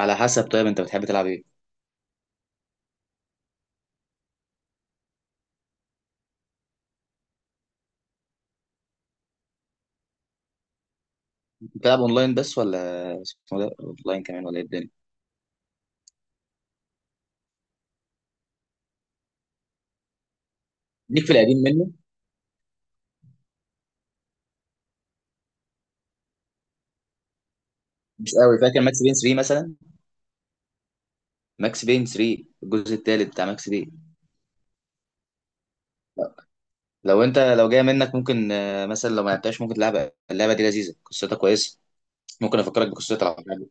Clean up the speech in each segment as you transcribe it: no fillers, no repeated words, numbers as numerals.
على حسب. طيب، انت بتحب تلعب ايه؟ بتلعب اونلاين بس، ولا اسمه ده اوفلاين كمان، ولا ايه الدنيا؟ ليك في القديم منه؟ مش قوي فاكر ماكس بين 3 مثلا؟ ماكس بين 3، الجزء الثالث بتاع ماكس بين. لو جايه منك ممكن، مثلا لو ما لعبتهاش ممكن تلعب اللعبه دي، لذيذه، قصتها كويسه. ممكن افكرك بقصتها لو حابب.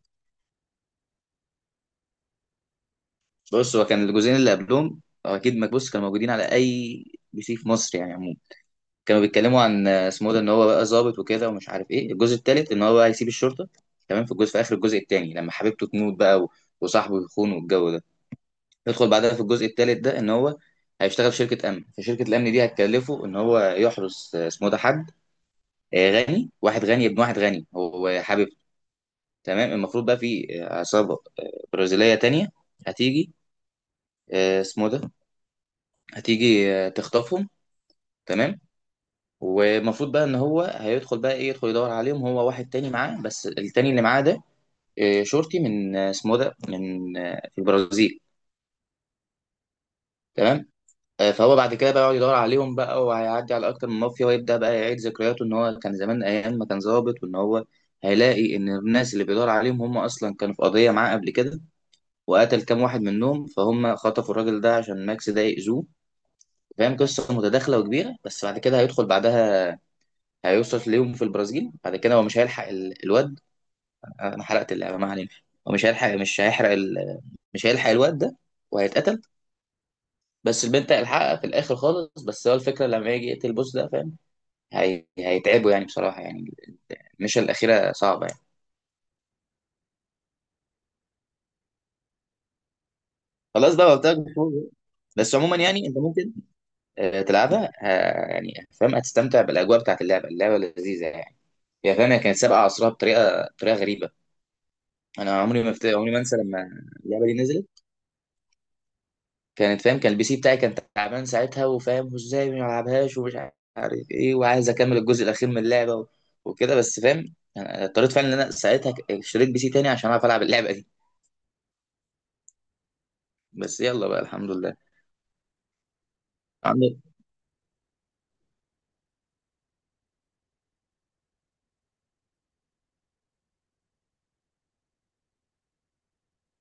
بص، هو كان الجزئين اللي قبلهم، هو اكيد ما بص كانوا موجودين على اي بي سي في مصر يعني عموما. كانوا بيتكلموا عن آه، اسمه ده ان هو بقى ظابط وكده، ومش عارف ايه. الجزء الثالث ان هو بقى هيسيب الشرطه، تمام. في اخر الجزء الثاني لما حبيبته تموت بقى وصاحبه يخون والجو ده، يدخل بعدها في الجزء الثالث ده ان هو هيشتغل في شركه امن. فشركه الامن دي هتكلفه ان هو يحرس آه، اسمه ده حد غني، واحد غني ابن واحد غني هو حبيبته. تمام. المفروض بقى في عصابه برازيليه تانية هتيجي، آه، اسمه ده هتيجي تخطفهم، تمام. ومفروض بقى ان هو هيدخل بقى، ايه، يدخل يدور عليهم هو واحد تاني معاه، بس التاني اللي معاه ده شرطي من آه، اسمه ده من في البرازيل، تمام. فهو بعد كده بقى يقعد يدور عليهم بقى، وهيعدي على اكتر من مافيا، ويبدا بقى يعيد ذكرياته ان هو كان زمان ايام ما كان ظابط، وان هو هيلاقي ان الناس اللي بيدور عليهم هم اصلا كانوا في قضيه معاه قبل كده وقتل كام واحد منهم، فهم خطفوا الراجل ده عشان ماكس ده يأذوه. فاهم، قصه متداخله وكبيره. بس بعد كده هيدخل بعدها، هيوصل ليهم في البرازيل. بعد كده هو مش هيلحق الواد، انا حرقت اللعبه، ما علينا. هو مش هيلحق، مش هيحرق ال... مش هيلحق الواد ده وهيتقتل. بس البنت هيلحقها في الاخر خالص. بس هو الفكره لما يجي يقتل البوس ده فاهم، هيتعبوا يعني، بصراحه يعني المشة الاخيره صعبه يعني. خلاص بقى، قلت لك بفوز. بس عموما يعني انت ممكن تلعبها، يعني فاهم، هتستمتع بالاجواء بتاعت اللعبه. اللعبه لذيذه يعني، هي فاهم، هي كانت سابقه عصرها بطريقه غريبه. انا عمري ما انسى لما اللعبه دي نزلت. كانت فاهم، كان البي سي بتاعي كان تعبان ساعتها، وفاهم وازاي ما يلعبهاش ومش عارف ايه، وعايز اكمل الجزء الاخير من اللعبه وكده. بس فاهم يعني، اضطريت فعلا ان انا ساعتها اشتريت بي سي تاني عشان اعرف العب اللعبه دي. بس يلا بقى، الحمد لله. عندي.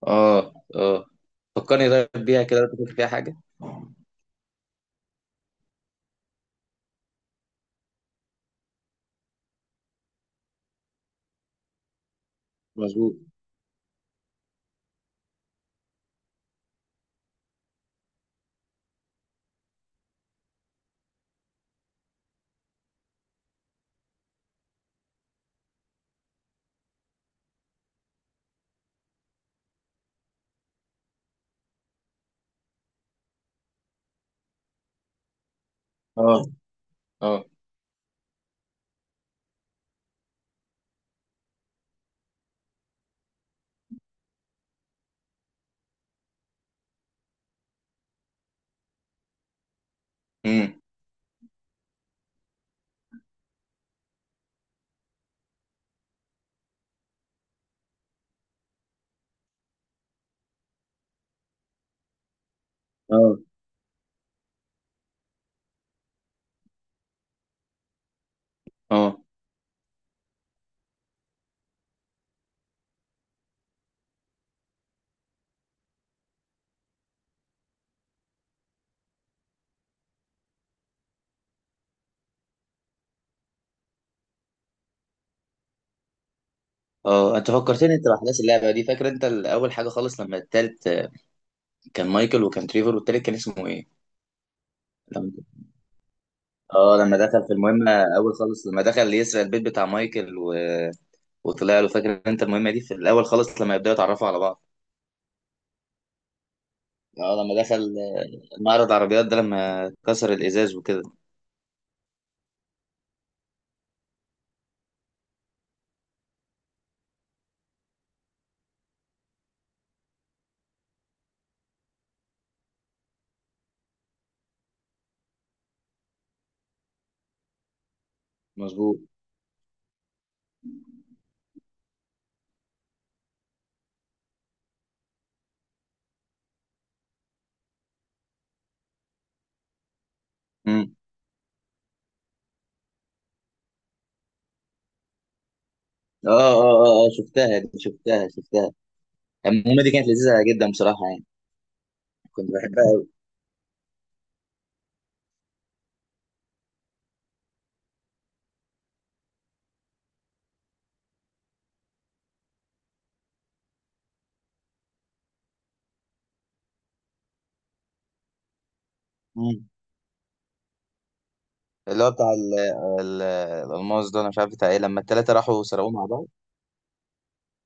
اه اه. فكرني طيب بيها كده لو فاكر فيها حاجه. مظبوط. اه اه. امم. اه اه اه انت فكرتني انت باحداث اللعبه دي. فاكر انت اول حاجه خالص لما التالت كان مايكل وكان تريفر، والتالت كان اسمه ايه؟ اه لما دخل في المهمة أول خالص لما دخل يسرق البيت بتاع مايكل وطلع له. فاكر أنت المهمة دي في الأول خالص لما يبدأوا يتعرفوا على بعض؟ اه لما دخل معرض عربيات ده لما كسر الإزاز وكده. مظبوط. مم. اه اه اه اه، شفتها دي، شفتها. المهمة دي كانت لذيذة جدا بصراحة يعني، كنت بحبها أوي. مم. اللي هو بتاع ال- الألماس ده، أنا مش عارف بتاع إيه، لما التلاتة راحوا سرقوه مع بعض.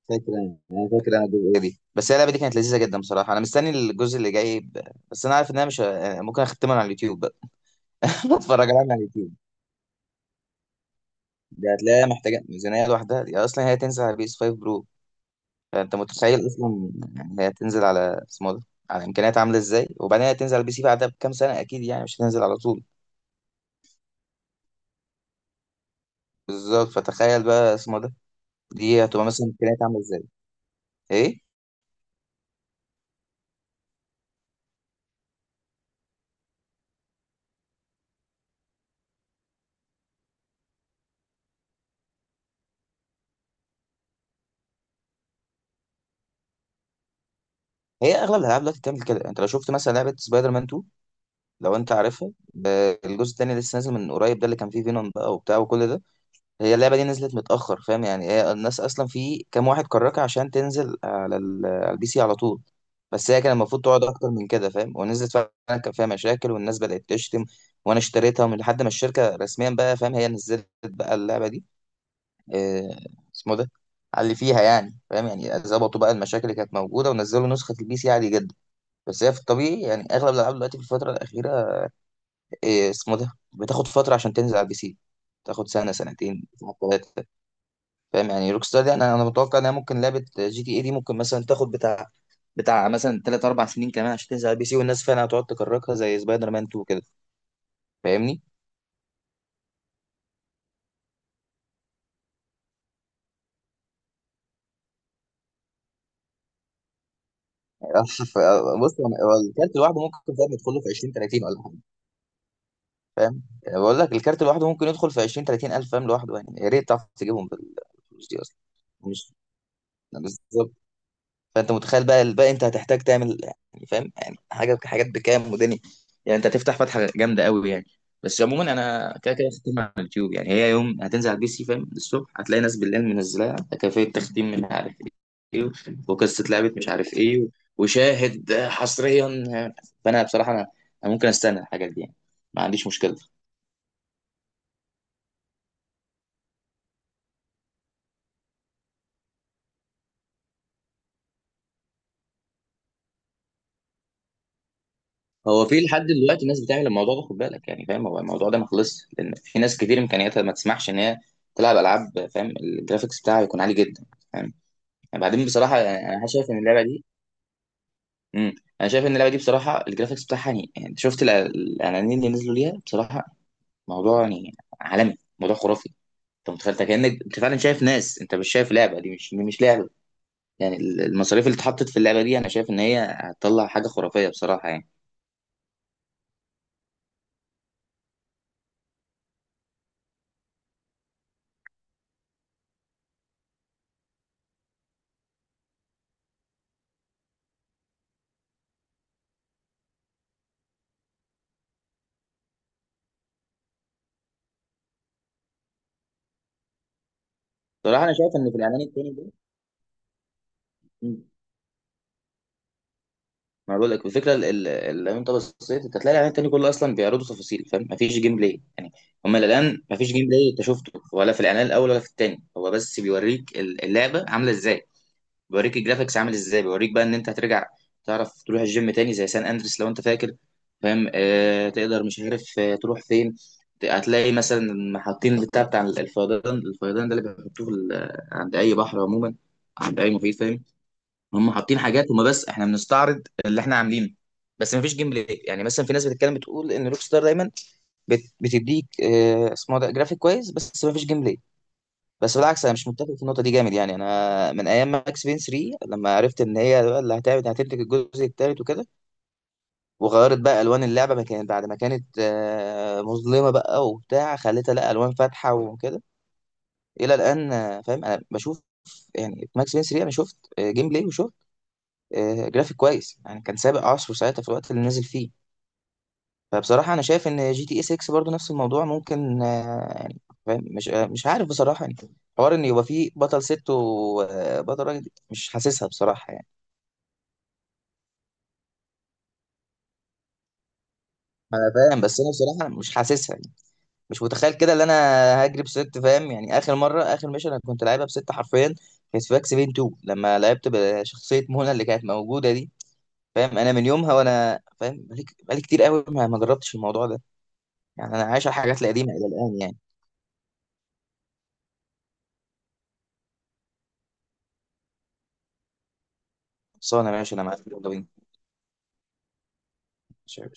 فاكر انا، الجزئيه دي. بس هي اللعبه دي كانت لذيذه جدا بصراحه. انا مستني الجزء اللي جاي بس انا عارف ان انا مش ه- يعني ممكن اختمها على اليوتيوب بقى. اتفرج عليها من على اليوتيوب. دي هتلاقيها محتاجه ميزانيه لوحدها. دي اصلا هي تنزل على بيس 5 برو. فانت متخيل اصلا، يعني هي تنزل على اسمه ده على امكانيات عامله ازاي. وبعدين هتنزل على البي سي بعدها بكام سنه اكيد يعني، مش هتنزل على طول. بالظبط، فتخيل بقى اسمه ده دي هتبقى مثلا امكانيات عامله ازاي. ايه. هي اغلب الالعاب دلوقتي بتعمل كده. انت لو شفت مثلا لعبه سبايدر مان، لو انت عارفه، الجزء التاني لسه نازل من قريب، ده اللي كان فيه فينوم بقى وبتاع وكل ده. هي اللعبه دي نزلت متاخر فاهم، يعني هي الناس اصلا، في كام واحد كركها عشان تنزل على على البي سي على طول. بس هي كان المفروض تقعد اكتر من كده فاهم، ونزلت فعلا كان فيها مشاكل، والناس بدات تشتم، وانا اشتريتها من لحد ما الشركه رسميا بقى، فاهم، هي نزلت بقى اللعبه دي آه، اسمه ده على اللي فيها يعني، فاهم يعني، ظبطوا بقى المشاكل اللي كانت موجوده ونزلوا نسخه البي سي عادي جدا. بس هي في الطبيعي يعني، اغلب الالعاب دلوقتي في الفتره الاخيره، إيه اسمه ده بتاخد فترة عشان تنزل على البي سي، تاخد سنة سنتين ثلاثة. فاهم يعني، روك ستار دي، انا متوقع انها ممكن لعبة جي تي اي دي ممكن مثلا تاخد بتاع، مثلا ثلاث اربع سنين كمان عشان تنزل على البي سي. والناس فعلا هتقعد تكركها زي سبايدر مان 2 كده، فاهمني؟ ف- بص يعني هو الكارت لوحده ممكن فاهم يدخل له في 20 30 ولا حاجة. فاهم؟ بقول لك الكارت لوحده ممكن يدخل في 20 30 الف فاهم، لوحده، يعني يا ريت تعرف تجيبهم بالفلوس دي اصلا. مش بالظبط. فانت متخيل بقى الباقي، انت هتحتاج تعمل، يعني فاهم يعني حاجه، حاجات بكام ودني يعني. انت هتفتح فتحه جامده قوي يعني. بس عموما انا كده كده ختمها على اليوتيوب يعني، هي يوم هتنزل على البي سي فاهم الصبح هتلاقي ناس بالليل منزلاها، كافيه تختيم مش عارف ايه، وقصه لعبه مش عارف ايه، وشاهد حصريا. فانا بصراحه أنا ممكن استنى الحاجات دي يعني، ما عنديش مشكله. هو في لحد دلوقتي ناس بتعمل الموضوع ده، خد بالك يعني فاهم، هو الموضوع ده ما خلصش، لان في ناس كتير امكانياتها ما تسمحش ان هي تلعب العاب فاهم الجرافيكس بتاعها يكون عالي جدا فاهم يعني. بعدين بصراحه يعني امم، انا شايف ان اللعبه دي بصراحه الجرافيكس بتاعها يعني يعني، أنت شفت الاعلانين اللي نزلوا ليها بصراحه، موضوع يعني عالمي، موضوع خرافي. انت متخيل، أنت كانك انت فعلا شايف ناس، انت مش شايف لعبه، دي مش لعبه يعني. المصاريف اللي اتحطت في اللعبه دي انا شايف ان هي هتطلع حاجه خرافيه بصراحه يعني. بصراحه انا شايف ان في الاعلان التاني ده، ما بقول لك الفكره لو انت بصيت انت هتلاقي الاعلان التاني كله اصلا بيعرضوا تفاصيل فاهم، مفيش جيم بلاي يعني. هما الاعلان مفيش جيم بلاي انت شفته، ولا في الاعلان الاول ولا في التاني هو بس بيوريك اللعبه عامله ازاي، بيوريك الجرافيكس عامل ازاي، بيوريك بقى ان انت هترجع تعرف تروح الجيم تاني زي سان اندريس لو انت فاكر، فاهم، آه تقدر مش عارف آه تروح فين، هتلاقي مثلا حاطين البتاع بتاع الفيضان، الفيضان ده اللي بيحطوه في عند اي بحر عموما، عند اي مفيد فاهم. هم حاطين حاجات، هم بس احنا بنستعرض اللي احنا عاملينه، بس مفيش جيم بلاي يعني. مثلا في ناس بتتكلم بتقول ان روك ستار دايما بتديك آه، اسمه ده جرافيك كويس بس مفيش جيم بلاي. بس بالعكس انا مش متفق في النقطه دي جامد يعني. انا من ايام ماكس بين 3 لما عرفت ان هي بقى اللي هتنتج الجزء الثالث وكده، وغيرت بقى الوان اللعبه، ما كانت، مظلمه بقى وبتاع، خلتها لا الوان فاتحه وكده، الى الان فاهم، انا بشوف يعني في ماكس بين 3 انا شفت جيم بلاي جرافيك كويس يعني، كان سابق عصره ساعتها في الوقت اللي نزل فيه. فبصراحة أنا شايف إن جي تي إيه 6 برضه نفس الموضوع، ممكن يعني فاهم؟ مش مش عارف بصراحة يعني. حوار إن يبقى فيه بطل ست وبطل راجل، دي مش حاسسها بصراحة يعني. أنا فاهم بس أنا بصراحة مش حاسسها يعني، مش متخيل كده اللي أنا هجري بست فاهم يعني. آخر مرة، آخر ميشن أنا كنت لعبها بست حرفيا، كانت في باكس بين 2 لما لعبت بشخصية منى اللي كانت موجودة دي. فاهم، أنا من يومها وأنا فاهم بقالي كتير قوي ما جربتش الموضوع ده. يعني انا عايش على الحاجات القديمه الى الان يعني. خلصانه ماشي، انا معاك، يلا بينا.